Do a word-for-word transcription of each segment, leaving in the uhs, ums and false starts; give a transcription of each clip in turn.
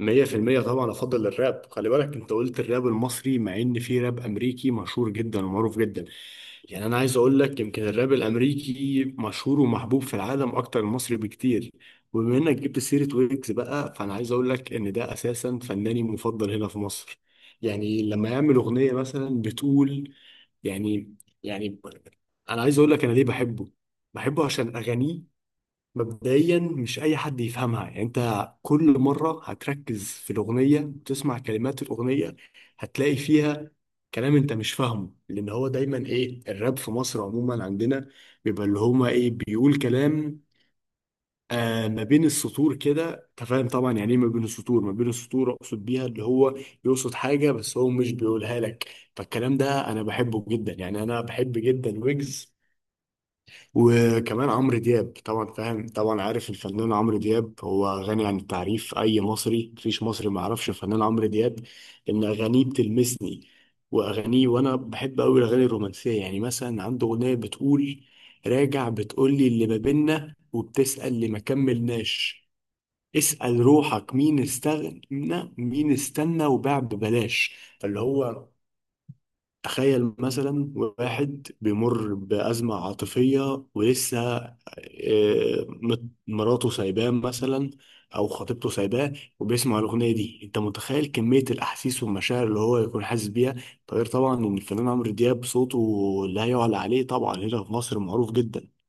مية في المية طبعا أفضل الراب. خلي بالك، أنت قلت الراب المصري، مع إن في راب أمريكي مشهور جدا ومعروف جدا. يعني أنا عايز أقول لك، يمكن الراب الأمريكي مشهور ومحبوب في العالم أكتر من المصري بكتير. وبما إنك جبت سيرة ويجز بقى، فأنا عايز أقول لك إن ده أساسا فناني مفضل هنا في مصر. يعني لما يعمل أغنية مثلا بتقول... يعني يعني أنا عايز أقول لك أنا ليه بحبه. بحبه عشان أغانيه. مبدئيا مش اي حد يفهمها. يعني انت كل مره هتركز في الاغنيه وتسمع كلمات الاغنيه، هتلاقي فيها كلام انت مش فاهمه، لان هو دايما، ايه، الراب في مصر عموما عندنا بيبقى اللي هما، ايه، بيقول كلام آه ما بين السطور كده. انت فاهم طبعا يعني ايه ما بين السطور. ما بين السطور اقصد بيها اللي هو يقصد حاجه بس هو مش بيقولها لك. فالكلام ده انا بحبه جدا. يعني انا بحب جدا ويجز. وكمان عمرو دياب طبعا، فاهم طبعا، عارف الفنان عمرو دياب. هو غني عن التعريف، اي مصري، مفيش مصري ما يعرفش الفنان عمرو دياب. ان اغانيه بتلمسني، واغانيه، وانا بحب قوي الاغاني الرومانسيه. يعني مثلا عنده اغنيه بتقول: راجع بتقولي اللي ما بينا وبتسأل اللي ما كملناش، اسأل روحك مين استغنى، مين استنى وباع ببلاش. فاللي هو تخيل مثلا واحد بيمر بأزمة عاطفية ولسه، آه، مت- مراته سايباه مثلا، أو خطيبته سايباه، وبيسمع الأغنية دي. أنت متخيل كمية الأحاسيس والمشاعر اللي هو يكون حاسس بيها؟ ده غير طبعا إن الفنان عمرو دياب صوته لا يعلى عليه. طبعا هنا في مصر معروف جدا.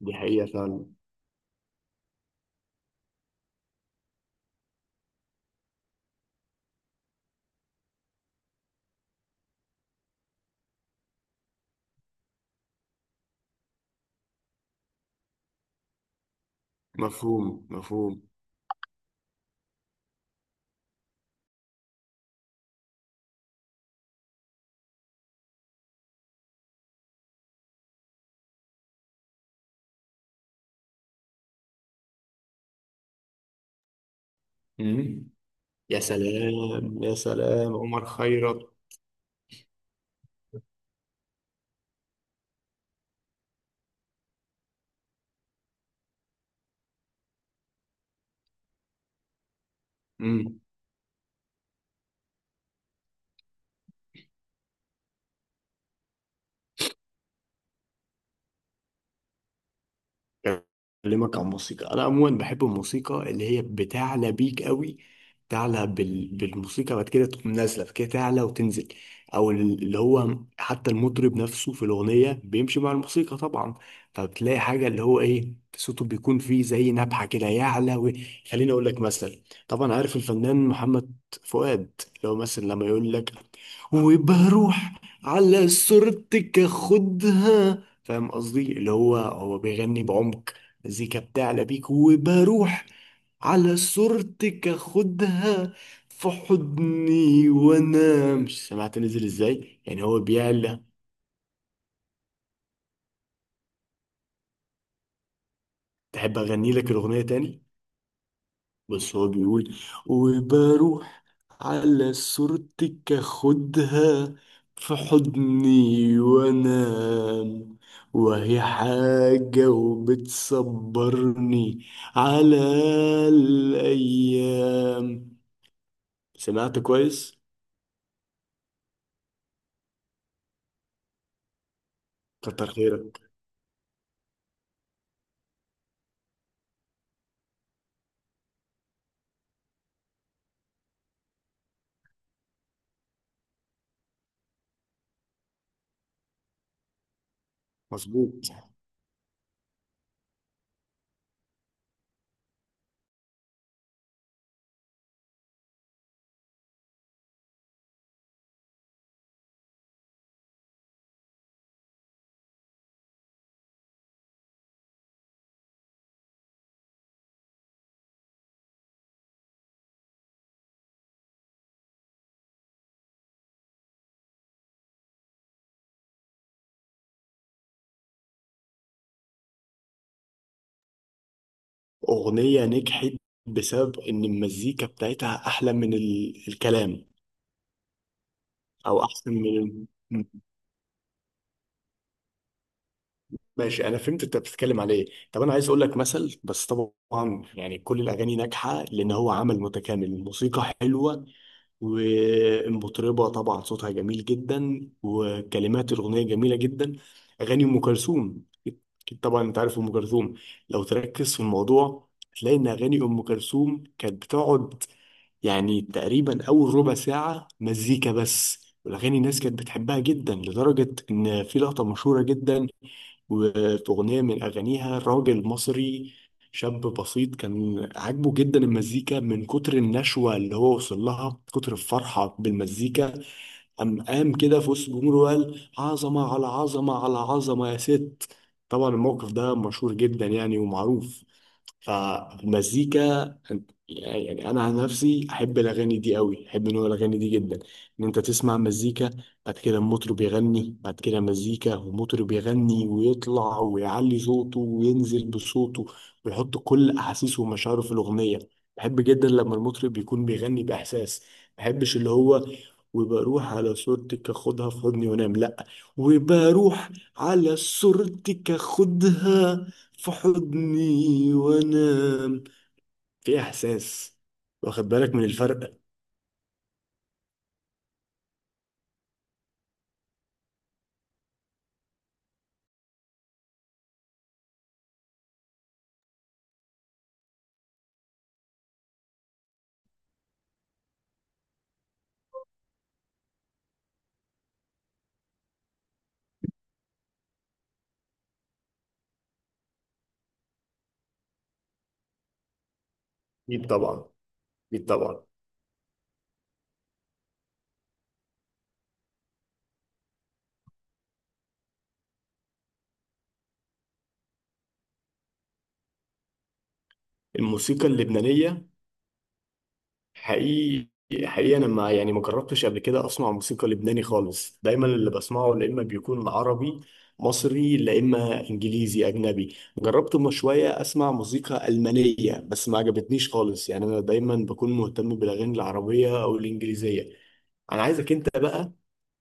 دي حقيقة فعلا. مفهوم مفهوم. مم. يا سلام يا سلام عمر خيرت. اكلمك عن موسيقى، انا عموما بحب الموسيقى اللي هي بتعلى بيك قوي. تعلى بال... بالموسيقى، بعد كده تقوم نازله، بعد كده تعلى وتنزل. او اللي هو حتى المطرب نفسه في الاغنيه بيمشي مع الموسيقى طبعا. فبتلاقي حاجه اللي هو، ايه، صوته بيكون فيه زي نبحه كده، يعلى و... خليني اقول لك مثلا. طبعا عارف الفنان محمد فؤاد، اللي هو مثلا لما يقول لك: وبروح على صورتك اخدها. فاهم قصدي، اللي هو، هو بيغني بعمق، مزيكا بتعلى بيك، وبروح على صورتك اخدها في حضني وانام. مش سمعت نزل ازاي؟ يعني هو بيعلى. تحب اغني لك الاغنيه تاني؟ بس هو بيقول: وبروح على صورتك اخدها في حضني وانام، وهي حاجة وبتصبرني على الأيام. سمعت كويس؟ كتر خيرك. مظبوط. أغنية نجحت بسبب إن المزيكا بتاعتها أحلى من ال... الكلام. أو أحسن من ال- ماشي، انا فهمت انت بتتكلم على ايه. طب انا عايز اقول لك مثل، بس طبعا يعني كل الاغاني ناجحه لان هو عمل متكامل. الموسيقى حلوه والمطربه طبعا صوتها جميل جدا وكلمات الاغنيه جميله جدا. اغاني ام كلثوم، اكيد طبعا انت عارف ام كلثوم. لو تركز في الموضوع هتلاقي ان اغاني ام كلثوم كانت بتقعد يعني تقريبا اول ربع ساعه مزيكا بس، والاغاني الناس كانت بتحبها جدا لدرجه ان في لقطه مشهوره جدا وأغنية من أغانيها. راجل مصري شاب بسيط كان عاجبه جدا المزيكا، من كتر النشوة اللي هو وصل لها، كتر الفرحة بالمزيكا، قام قام كده في وسط الجمهور وقال: عظمة على عظمة على عظمة يا ست. طبعا الموقف ده مشهور جدا يعني ومعروف. فالمزيكا يعني يعني انا عن نفسي احب الاغاني دي قوي، احب نوع الاغاني دي جدا. ان انت تسمع مزيكا، بعد كده المطرب يغني، بعد كده مزيكا ومطرب يغني ويطلع ويعلي صوته وينزل بصوته، ويحط كل احاسيسه ومشاعره في الاغنيه. بحب جدا لما المطرب يكون بيغني باحساس. ما بحبش اللي هو: وبروح على صورتك اخدها في حضني وانام، لا. وبروح على صورتك اخدها في حضني وانام، في احساس. واخد بالك من الفرق؟ اكيد طبعا. اكيد طبعا. الموسيقى اللبنانيه، حقيقي حقيقي انا ما، يعني ما جربتش قبل كده اسمع موسيقى لبناني خالص. دايما اللي بسمعه يا اما بيكون عربي مصري، لا اما انجليزي اجنبي. جربت من شويه اسمع موسيقى المانيه بس ما عجبتنيش خالص. يعني انا دايما بكون مهتم بالاغاني العربيه او الانجليزيه. انا عايزك انت بقى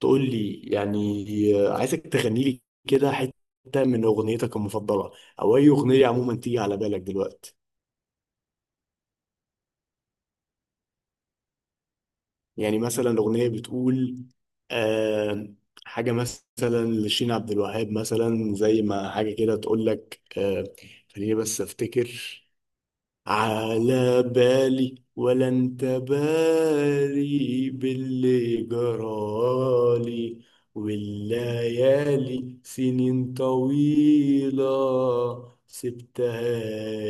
تقول لي، يعني عايزك تغني لي كده حتة من أغنيتك المفضلة، أو أي أغنية عموما تيجي على بالك دلوقتي. يعني مثلا أغنية بتقول آه، حاجة مثلا لشين عبد الوهاب مثلا، زي ما حاجة كده تقول لك آه. خليني بس أفتكر. على بالي ولا انت باري باللي جرالي، والليالي سنين طويلة سبتها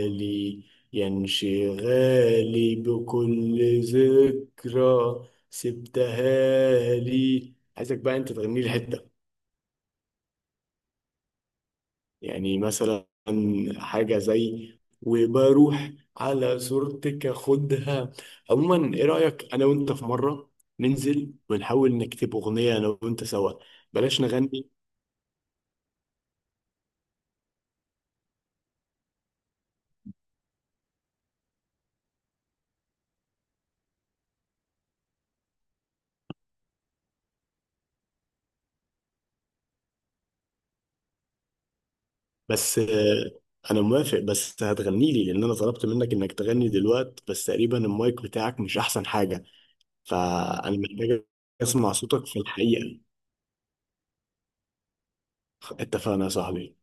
لي، يا انشغالي بكل ذكرى سبتها لي. عايزك بقى انت تغني لي حتة، يعني مثلا حاجة زي: وبروح على صورتك اخدها. عموما ايه رأيك، انا وانت في مرة ننزل ونحاول نكتب اغنية انا وانت سوا؟ بلاش نغني. بس آه، انا موافق، بس هتغني لي لان انا طلبت منك انك تغني دلوقتي، بس تقريبا المايك بتاعك مش احسن حاجة. فانا محتاج اسمع صوتك في الحقيقة. اتفقنا يا صاحبي.